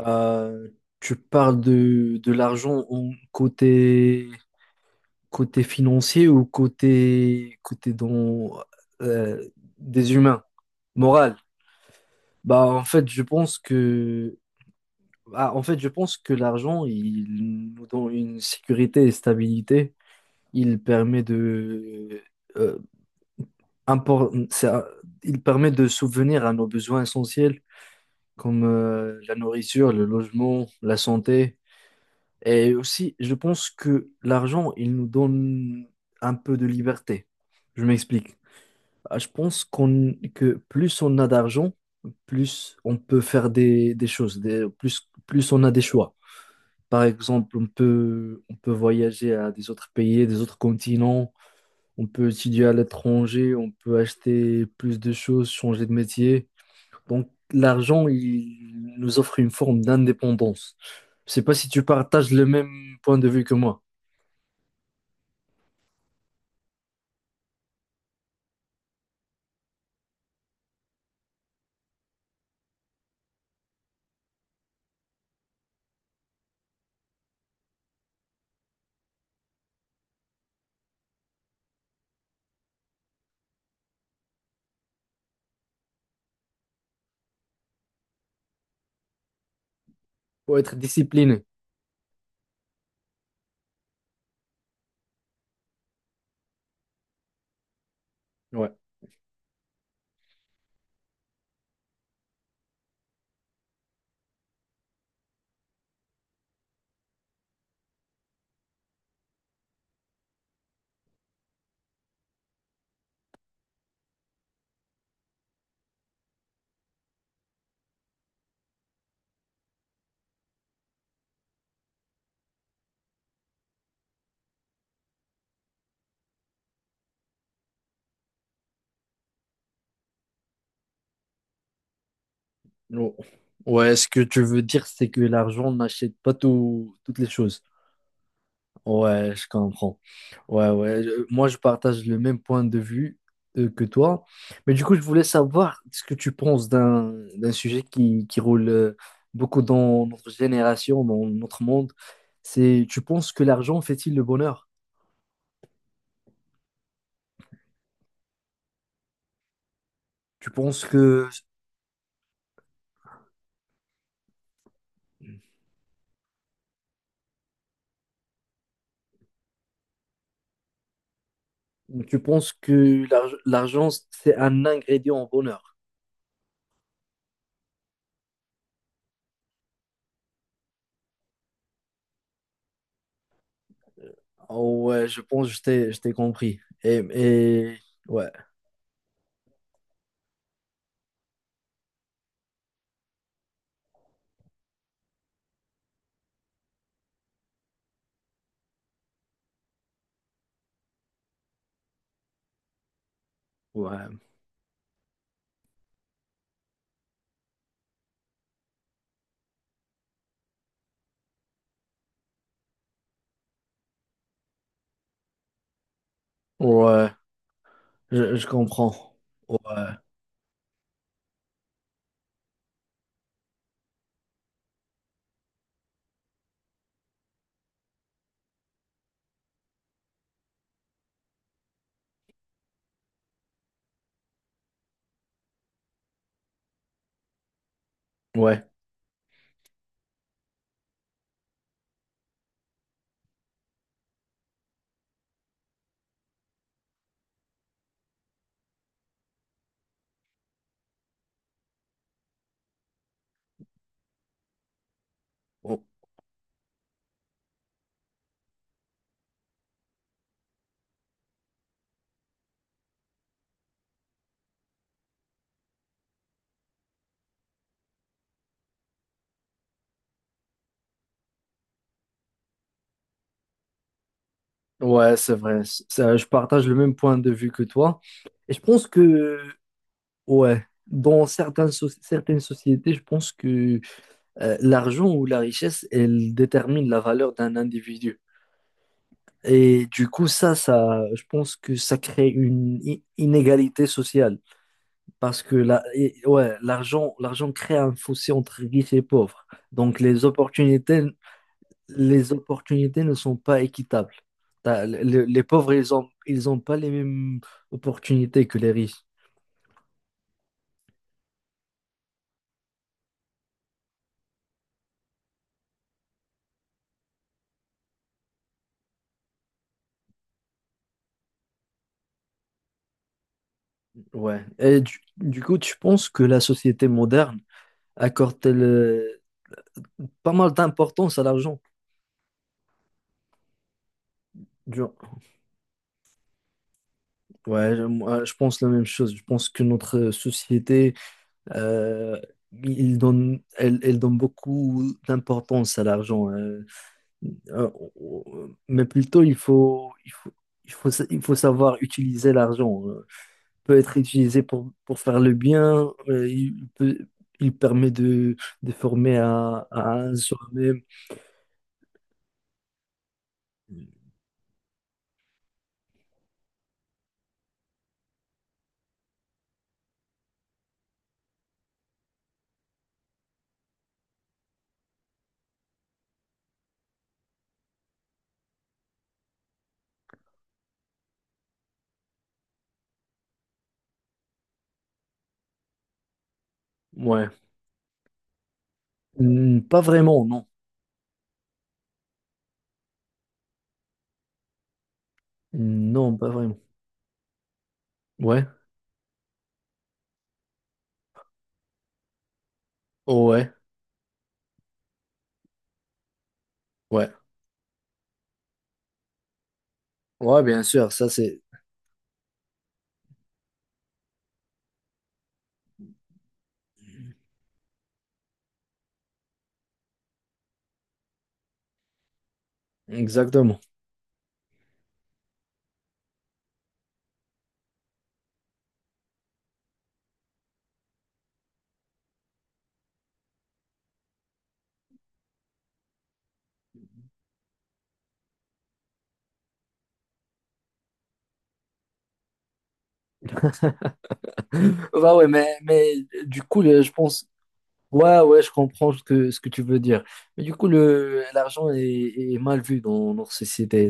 Euh, tu parles de l'argent en côté, côté financier ou côté, côté dans, euh, des humains, moral. Bah, en fait, je pense que En fait, je pense que l'argent, il nous donne une sécurité et stabilité. Il permet de, euh, impor- c'est un- il permet de subvenir à nos besoins essentiels comme la nourriture, le logement, la santé. Et aussi, je pense que l'argent, il nous donne un peu de liberté. Je m'explique. Je pense que plus on a d'argent, plus on peut faire des choses, plus on a des choix. Par exemple, on peut voyager à des autres pays, des autres continents, on peut étudier à l'étranger, on peut acheter plus de choses, changer de métier. Donc, l'argent, il nous offre une forme d'indépendance. Je sais pas si tu partages le même point de vue que moi. Faut être discipliné. Ouais. Non. Ouais, ce que tu veux dire, c'est que l'argent n'achète pas tout- toutes les choses. Ouais, je comprends. Ouais, ouais. Moi, je partage le même point de vue que toi. Mais du coup, je voulais savoir ce que tu penses d'un sujet qui roule beaucoup dans notre génération, dans notre monde. C'est, tu penses que l'argent fait-il le bonheur? Tu penses que tu penses que l'argent, c'est un ingrédient au bonheur? Oh, ouais, je pense que je t'ai compris. Et ouais, ouais, ouais. Je comprends. Ouais. Ouais. Oh, ouais, c'est vrai. Ça, je partage le même point de vue que toi. Et je pense que, ouais, dans certaines, certaines sociétés, je pense que l'argent ou la richesse, elle détermine la valeur d'un individu. Et du coup, je pense que ça crée une inégalité sociale. Parce que ouais, l'argent crée un fossé entre riches et pauvres. Donc, les opportunités ne sont pas équitables. Les pauvres, ils ont pas les mêmes opportunités que les riches. Ouais. Et du coup, tu penses que la société moderne accorde pas mal d'importance à l'argent? du- Ouais, je moi, je pense la même chose. Je pense que notre société Euh, elle donne beaucoup d'importance à l'argent, hein. euh, mais plutôt, il faut savoir utiliser l'argent. Il peut être utilisé pour faire le bien. Il permet de former à un soi-même. Ouais. Hmm, pas vraiment, non. Non, pas vraiment. Ouais. Oh, ouais. Ouais. Ouais, bien sûr, ça c'est exactement. Bah ouais, mais du coup, je pense. Ouais, ouais, je comprends ce que tu veux dire. Mais du coup, l'argent est mal vu dans notre société.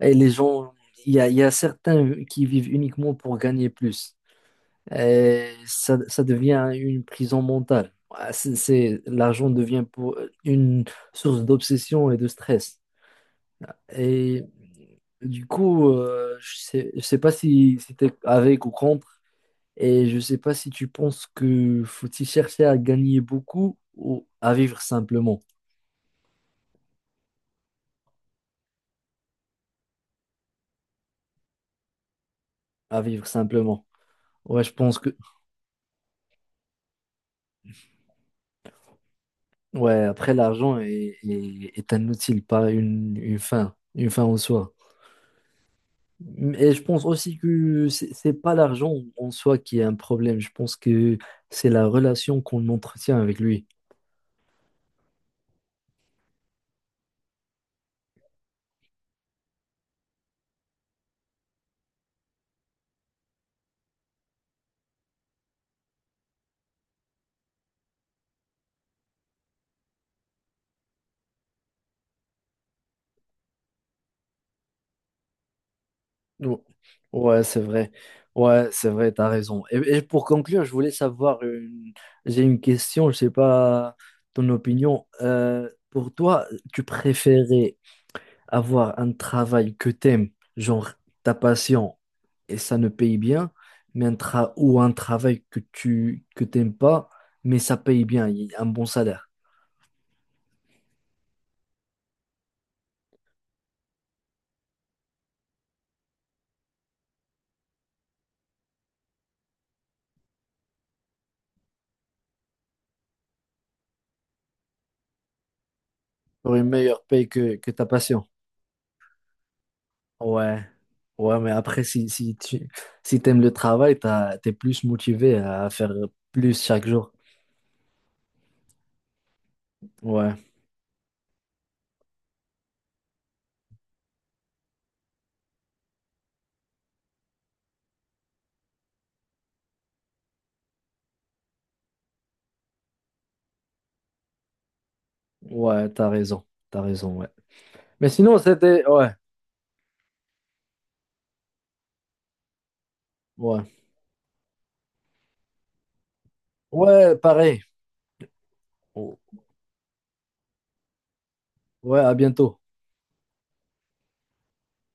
Et les gens, il y a certains qui vivent uniquement pour gagner plus. Et ça devient une prison mentale. C'est, l'argent devient pour une source d'obsession et de stress. Et du coup, je sais pas si tu avec ou contre. Et je ne sais pas si tu penses que faut-il chercher à gagner beaucoup ou à vivre simplement. À vivre simplement. Ouais, je pense que ouais, après l'argent est un outil, pas une fin, une fin en soi. Et je pense aussi que c'est pas l'argent en soi qui est un problème. Je pense que c'est la relation qu'on entretient avec lui. Ou- Ouais, c'est vrai. Ouais, c'est vrai, t'as raison. Et pour conclure, je voulais savoir j'ai une question, je sais pas ton opinion. Pour toi, tu préférais avoir un travail que t'aimes, genre ta passion, et ça ne paye bien, mais ou un travail que tu que t'aimes pas, mais ça paye bien, il y a un bon salaire, pour une meilleure paye que ta passion. Ouais, ouais, mais après, si tu si t'aimes le travail, t'es plus motivé à faire plus chaque jour. Ouais, ouais, t'as raison, ouais. Mais sinon, c'était, ouais, ouais, ouais, pareil. Ouais, à bientôt.